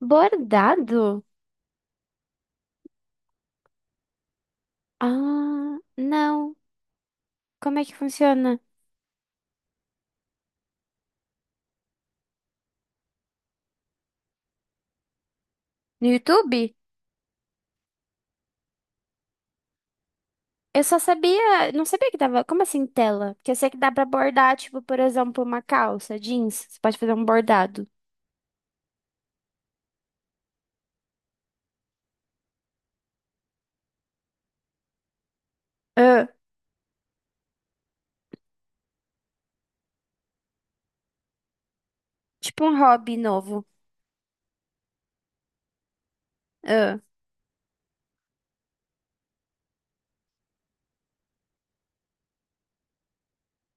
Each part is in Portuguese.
Bordado? Ah, não. Como é que funciona? No YouTube? Eu só sabia, não sabia que dava. Como assim tela? Porque eu sei que dá pra bordar, tipo, por exemplo, uma calça, jeans. Você pode fazer um bordado. Ah, tipo um hobby novo. Ah,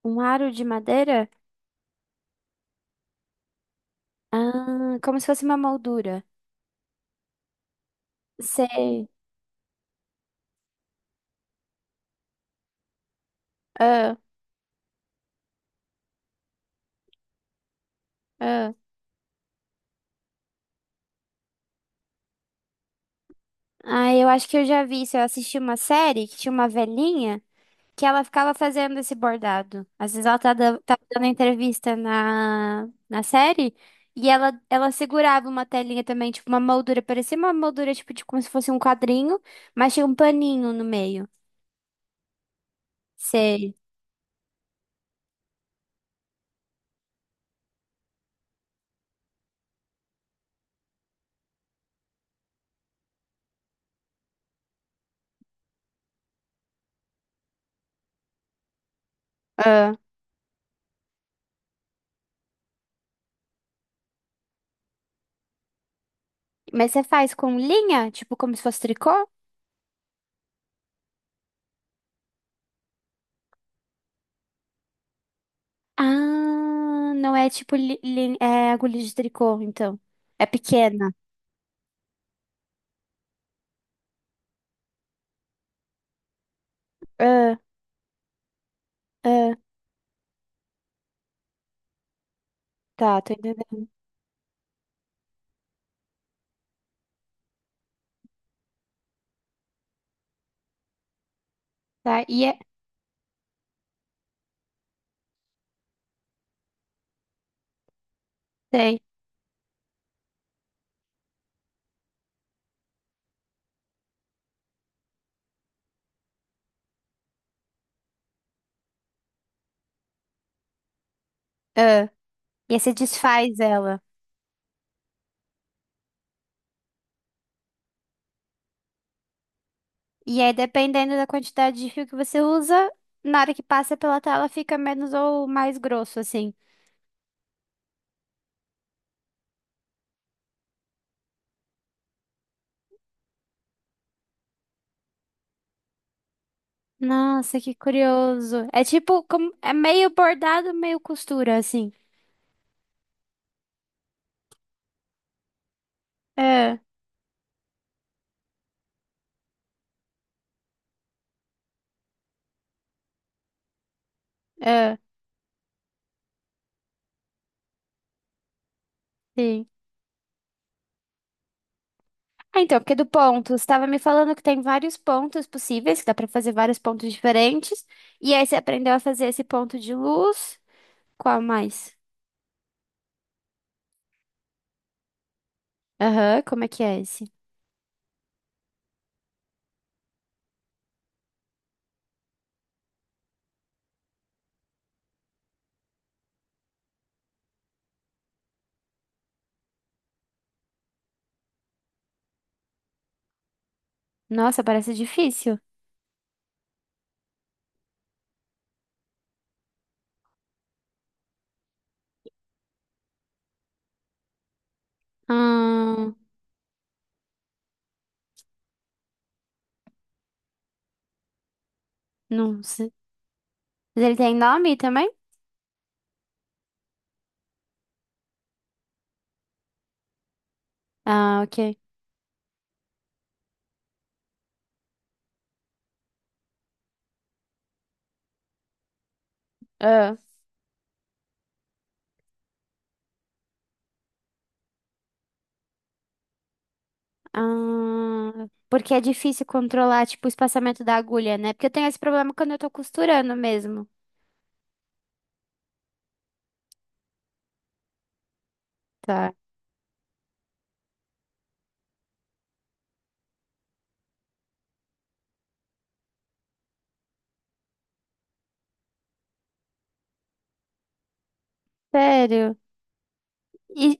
um aro de madeira? Ah, como se fosse uma moldura. Sei. Ah, ah. Ah, eu acho que eu já vi isso. Eu assisti uma série que tinha uma velhinha, que ela ficava fazendo esse bordado. Às vezes ela tá da- tava dando entrevista na série e ela segurava uma telinha também, tipo uma moldura, parecia uma moldura tipo de como se fosse um quadrinho, mas tinha um paninho no meio. Sei. Ah. Mas você faz com linha, tipo como se fosse tricô? Ah, não é tipo li, li- é agulha de tricô, então. É pequena. Ah, ah, tá, tô entendendo. Tá, e é, sei. Ah, e aí você desfaz ela. E aí, dependendo da quantidade de fio que você usa, na hora que passa pela tela fica menos ou mais grosso, assim. Nossa, que curioso. É tipo, como, é meio bordado, meio costura, assim. É, é, sim. Ah, então, porque do ponto, você estava me falando que tem vários pontos possíveis, que dá pra fazer vários pontos diferentes. E aí você aprendeu a fazer esse ponto de luz. Qual mais? Aham, como é que é esse? Nossa, parece difícil. Hum, não sei. Mas ele tem nome também? Ah, ok. Ah, ah, porque é difícil controlar, tipo, o espaçamento da agulha, né? Porque eu tenho esse problema quando eu tô costurando mesmo. Tá. Sério? E,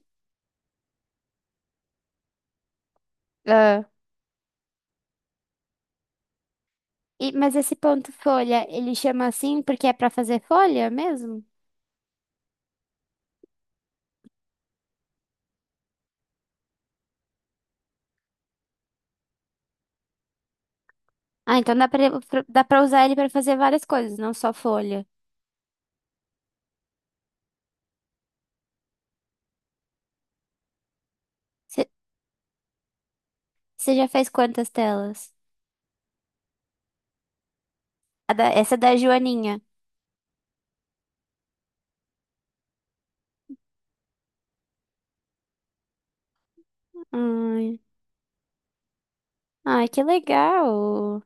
ah, e, mas esse ponto folha, ele chama assim porque é pra fazer folha mesmo? Ah, então dá pra, pra- dá pra usar ele pra fazer várias coisas, não só folha. Você já fez quantas telas? A da- essa da Joaninha. Ai, ai, que legal.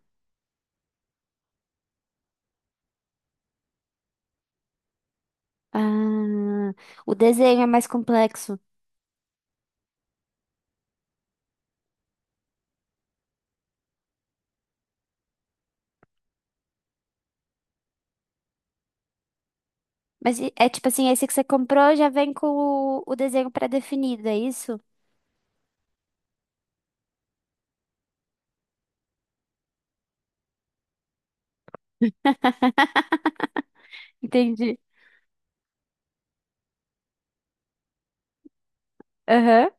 Ah, o desenho é mais complexo. Mas e- é tipo assim, esse que você comprou já vem com o desenho pré-definido, é isso? Entendi. Aham.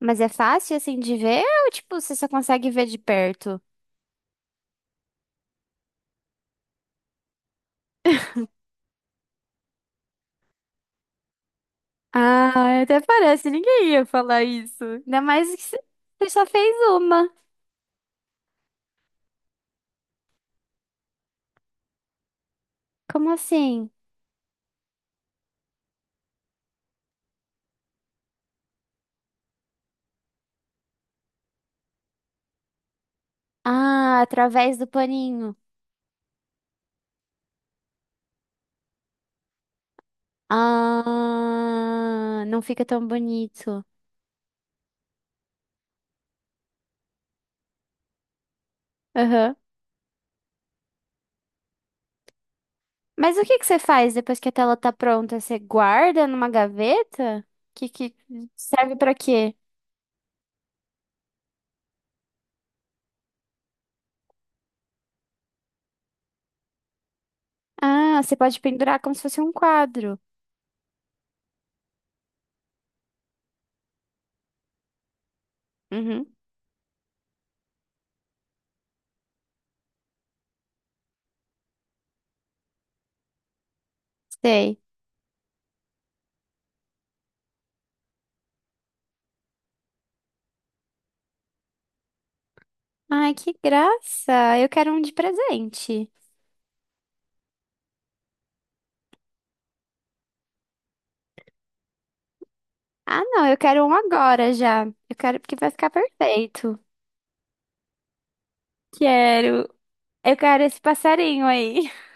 Mas é fácil assim de ver ou tipo, você só consegue ver de perto? Ah, até parece, ninguém ia falar isso. Ainda mais que você só fez uma. Como assim? Ah, através do paninho. Ah, não fica tão bonito. Aham. Mas o que que você faz depois que a tela tá pronta? Você guarda numa gaveta? Que serve pra quê? Ah, você pode pendurar como se fosse um quadro. Uhum, sei. Ai, que graça! Eu quero um de presente. Ah, não, eu quero um agora já. Eu quero porque vai ficar perfeito. Quero. Eu quero esse passarinho aí.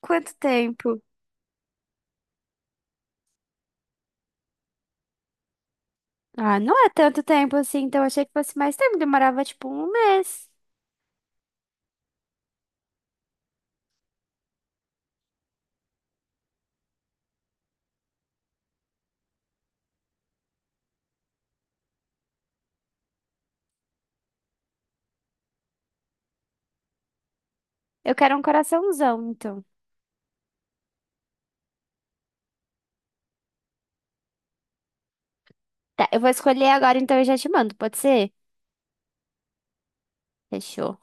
Quanto tempo? Ah, não é tanto tempo assim, então achei que fosse mais tempo. Demorava tipo um mês. Eu quero um coraçãozão, então. Tá, eu vou escolher agora, então eu já te mando, pode ser? Fechou.